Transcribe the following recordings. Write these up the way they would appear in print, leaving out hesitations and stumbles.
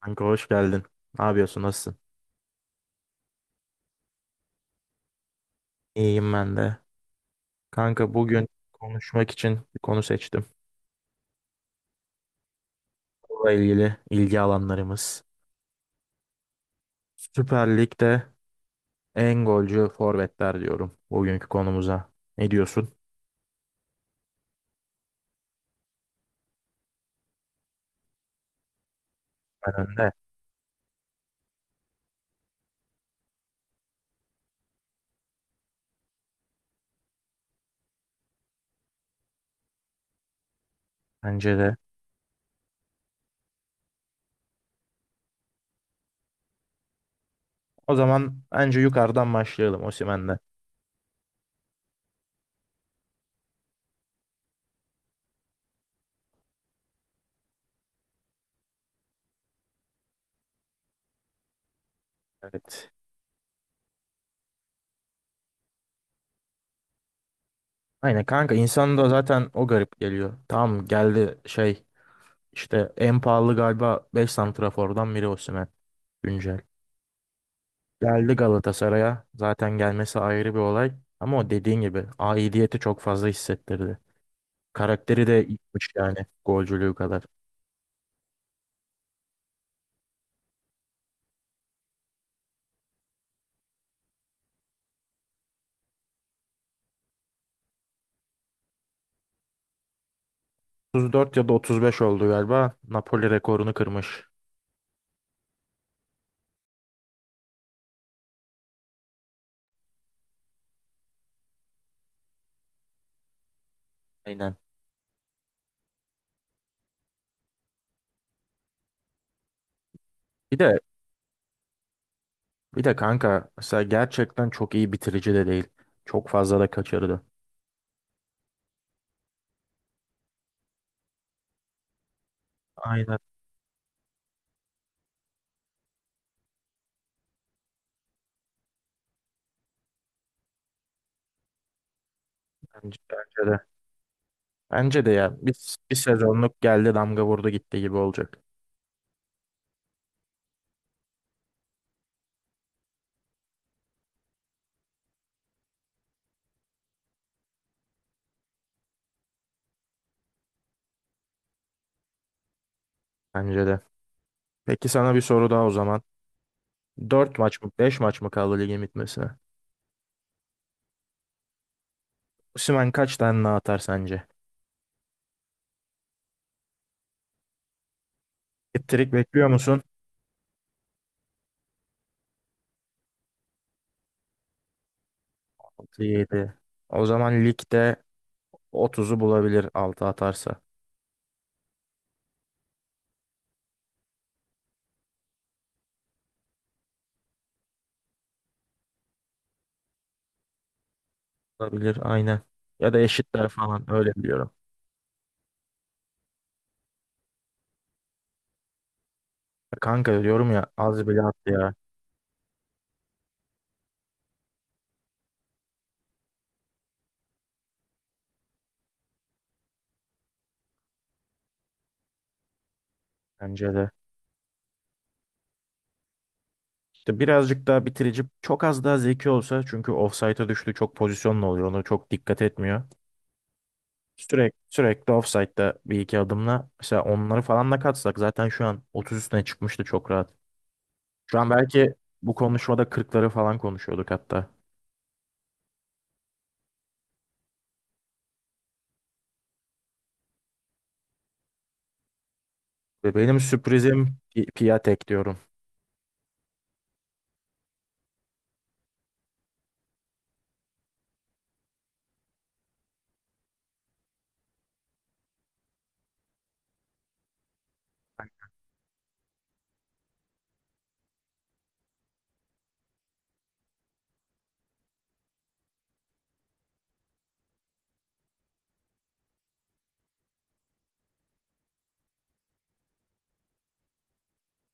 Kanka hoş geldin. Ne yapıyorsun? Nasılsın? İyiyim ben de. Kanka bugün konuşmak için bir konu seçtim. Bununla ilgili ilgi alanlarımız. Süper Lig'de en golcü forvetler diyorum bugünkü konumuza. Ne diyorsun? Ben önde. Bence de. O zaman bence yukarıdan başlayalım Osimhen'le. Evet. Aynen kanka, insan da zaten o garip geliyor. Tamam geldi işte en pahalı galiba 5 santrafordan biri Osimhen. Güncel. Geldi Galatasaray'a. Zaten gelmesi ayrı bir olay. Ama o dediğin gibi aidiyeti çok fazla hissettirdi. Karakteri de iyiymiş, yani golcülüğü kadar. 34 ya da 35 oldu galiba. Napoli rekorunu kırmış. Aynen. Bir de bir de kanka mesela gerçekten çok iyi bitirici de değil. Çok fazla da kaçırdı. Aynen bence de. Bence de ya bir sezonluk geldi, damga vurdu gitti gibi olacak. Bence de. Peki sana bir soru daha o zaman. 4 maç mı 5 maç mı kaldı ligin bitmesine? Osimhen kaç tane daha atar sence? Hat bekliyor musun? Altı yedi. O zaman ligde otuzu bulabilir 6 atarsa. Bulabilir aynen. Ya da eşitler falan, öyle biliyorum. Kanka diyorum ya, az bile attı ya. Bence de. İşte birazcık daha bitirici, çok az daha zeki olsa, çünkü ofsayta düştü çok pozisyonla, oluyor onu çok dikkat etmiyor. Sürekli ofsaytta bir iki adımla, mesela onları falan da katsak zaten şu an 30 üstüne çıkmıştı çok rahat. Şu an belki bu konuşmada kırkları falan konuşuyorduk hatta. Ve benim sürprizim Piatek diyorum.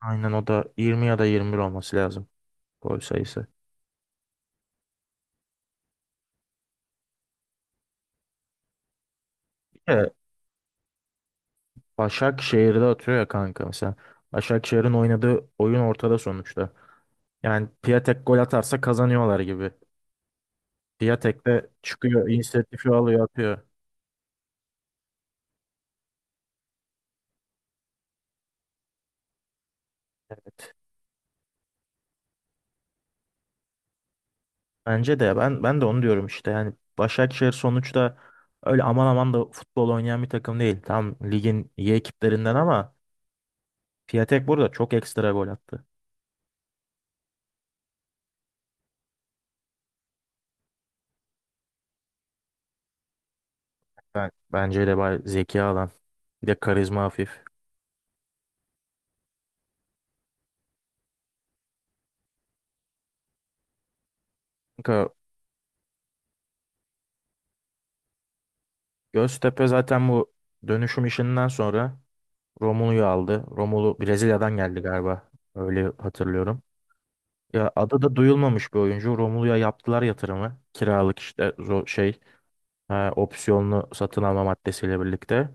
Aynen, o da 20 ya da 21 olması lazım gol sayısı. Bir de Başakşehir'de atıyor ya kanka mesela. Başakşehir'in oynadığı oyun ortada sonuçta. Yani Piatek gol atarsa kazanıyorlar gibi. Piatek de çıkıyor, inisiyatifi alıyor, atıyor. Evet. Bence de, ben de onu diyorum işte. Yani Başakşehir sonuçta öyle aman aman da futbol oynayan bir takım değil. Tam ligin iyi ekiplerinden, ama Piatek burada çok ekstra gol attı. Bence de bay zeki alan. Bir de karizma hafif. Kanka, Göztepe zaten bu dönüşüm işinden sonra Romulu'yu aldı. Romulu Brezilya'dan geldi galiba. Öyle hatırlıyorum. Ya adı da duyulmamış bir oyuncu. Romulu'ya yaptılar yatırımı. Kiralık işte opsiyonlu satın alma maddesiyle birlikte.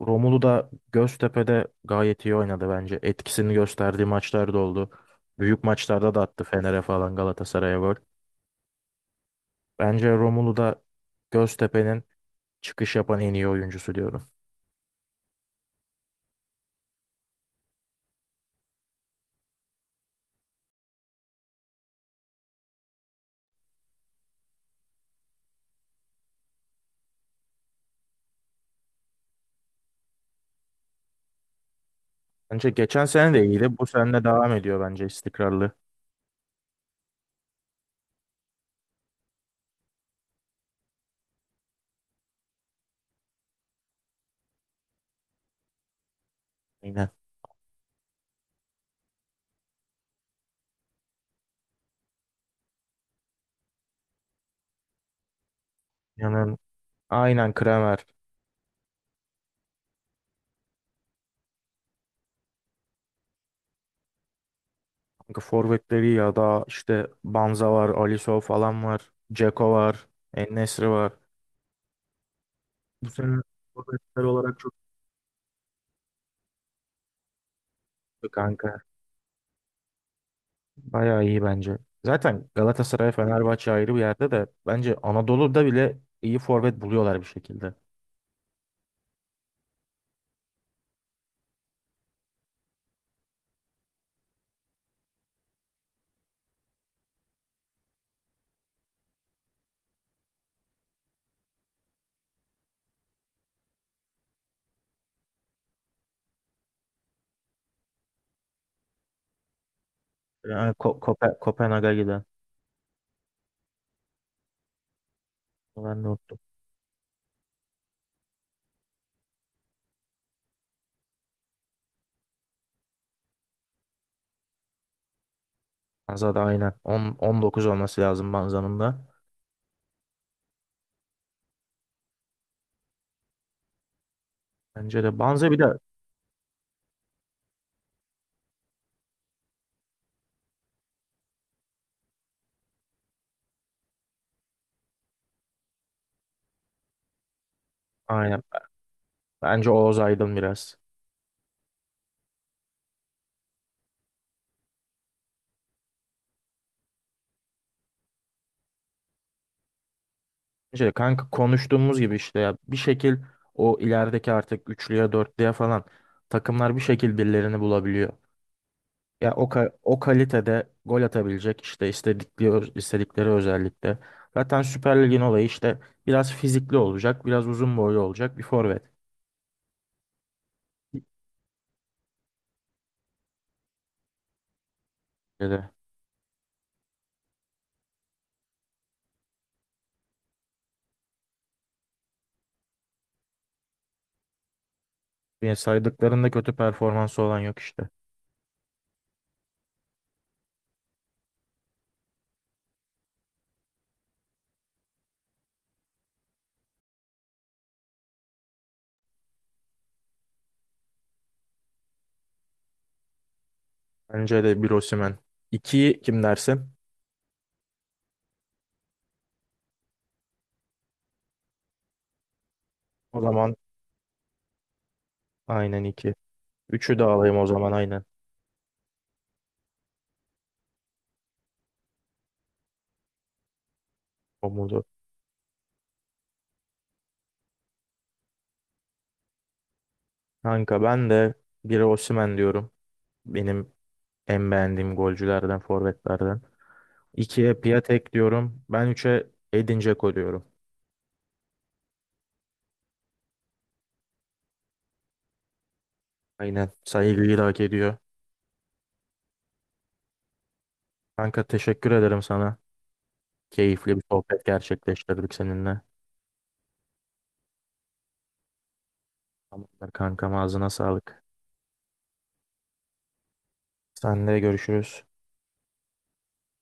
Romulu da Göztepe'de gayet iyi oynadı bence. Etkisini gösterdiği maçlar da oldu. Büyük maçlarda da attı, Fener'e falan Galatasaray'a gol. Bence Romulu da Göztepe'nin çıkış yapan en iyi oyuncusu diyorum. Bence geçen sene de iyiydi. Bu sene de devam ediyor bence, istikrarlı. Yine. Yani aynen Kramer. Kanka forvetleri, ya da işte Banza var, Alisson falan var. Dzeko var. En var. Bu sene forvetler olarak çok iyi kanka. Bayağı iyi bence. Zaten Galatasaray, Fenerbahçe ayrı bir yerde, de bence Anadolu'da bile iyi forvet buluyorlar bir şekilde. Yani Kopenhag'a giden. Ben de unuttum. Banza'da aynen. 10, 19 olması lazım Banza'nın da. Bence de Banza bir de aynen. Bence Oğuz Aydın biraz. Bence de kanka, konuştuğumuz gibi işte, ya bir şekil o ilerideki artık üçlüye dörtlüye falan takımlar bir şekil birilerini bulabiliyor. Ya o, o kalitede gol atabilecek işte istedikleri özellikle. Zaten Süper Lig'in olayı işte biraz fizikli olacak, biraz uzun boylu olacak bir forvet. Bence de. Yani saydıklarında kötü performansı olan yok işte. Bence de bir Osimhen. İkiyi kim dersin? O zaman aynen iki. Üçü de alayım o zaman aynen. Omuz'u. Kanka ben de biri Osimhen diyorum. Benim en beğendiğim golcülerden, forvetlerden. İkiye Piatek diyorum. Ben üçe Edin Dzeko diyorum. Aynen. Saygıyı da hak ediyor. Kanka teşekkür ederim sana. Keyifli bir sohbet gerçekleştirdik seninle. Tamamdır kankam, ağzına sağlık. Senle görüşürüz.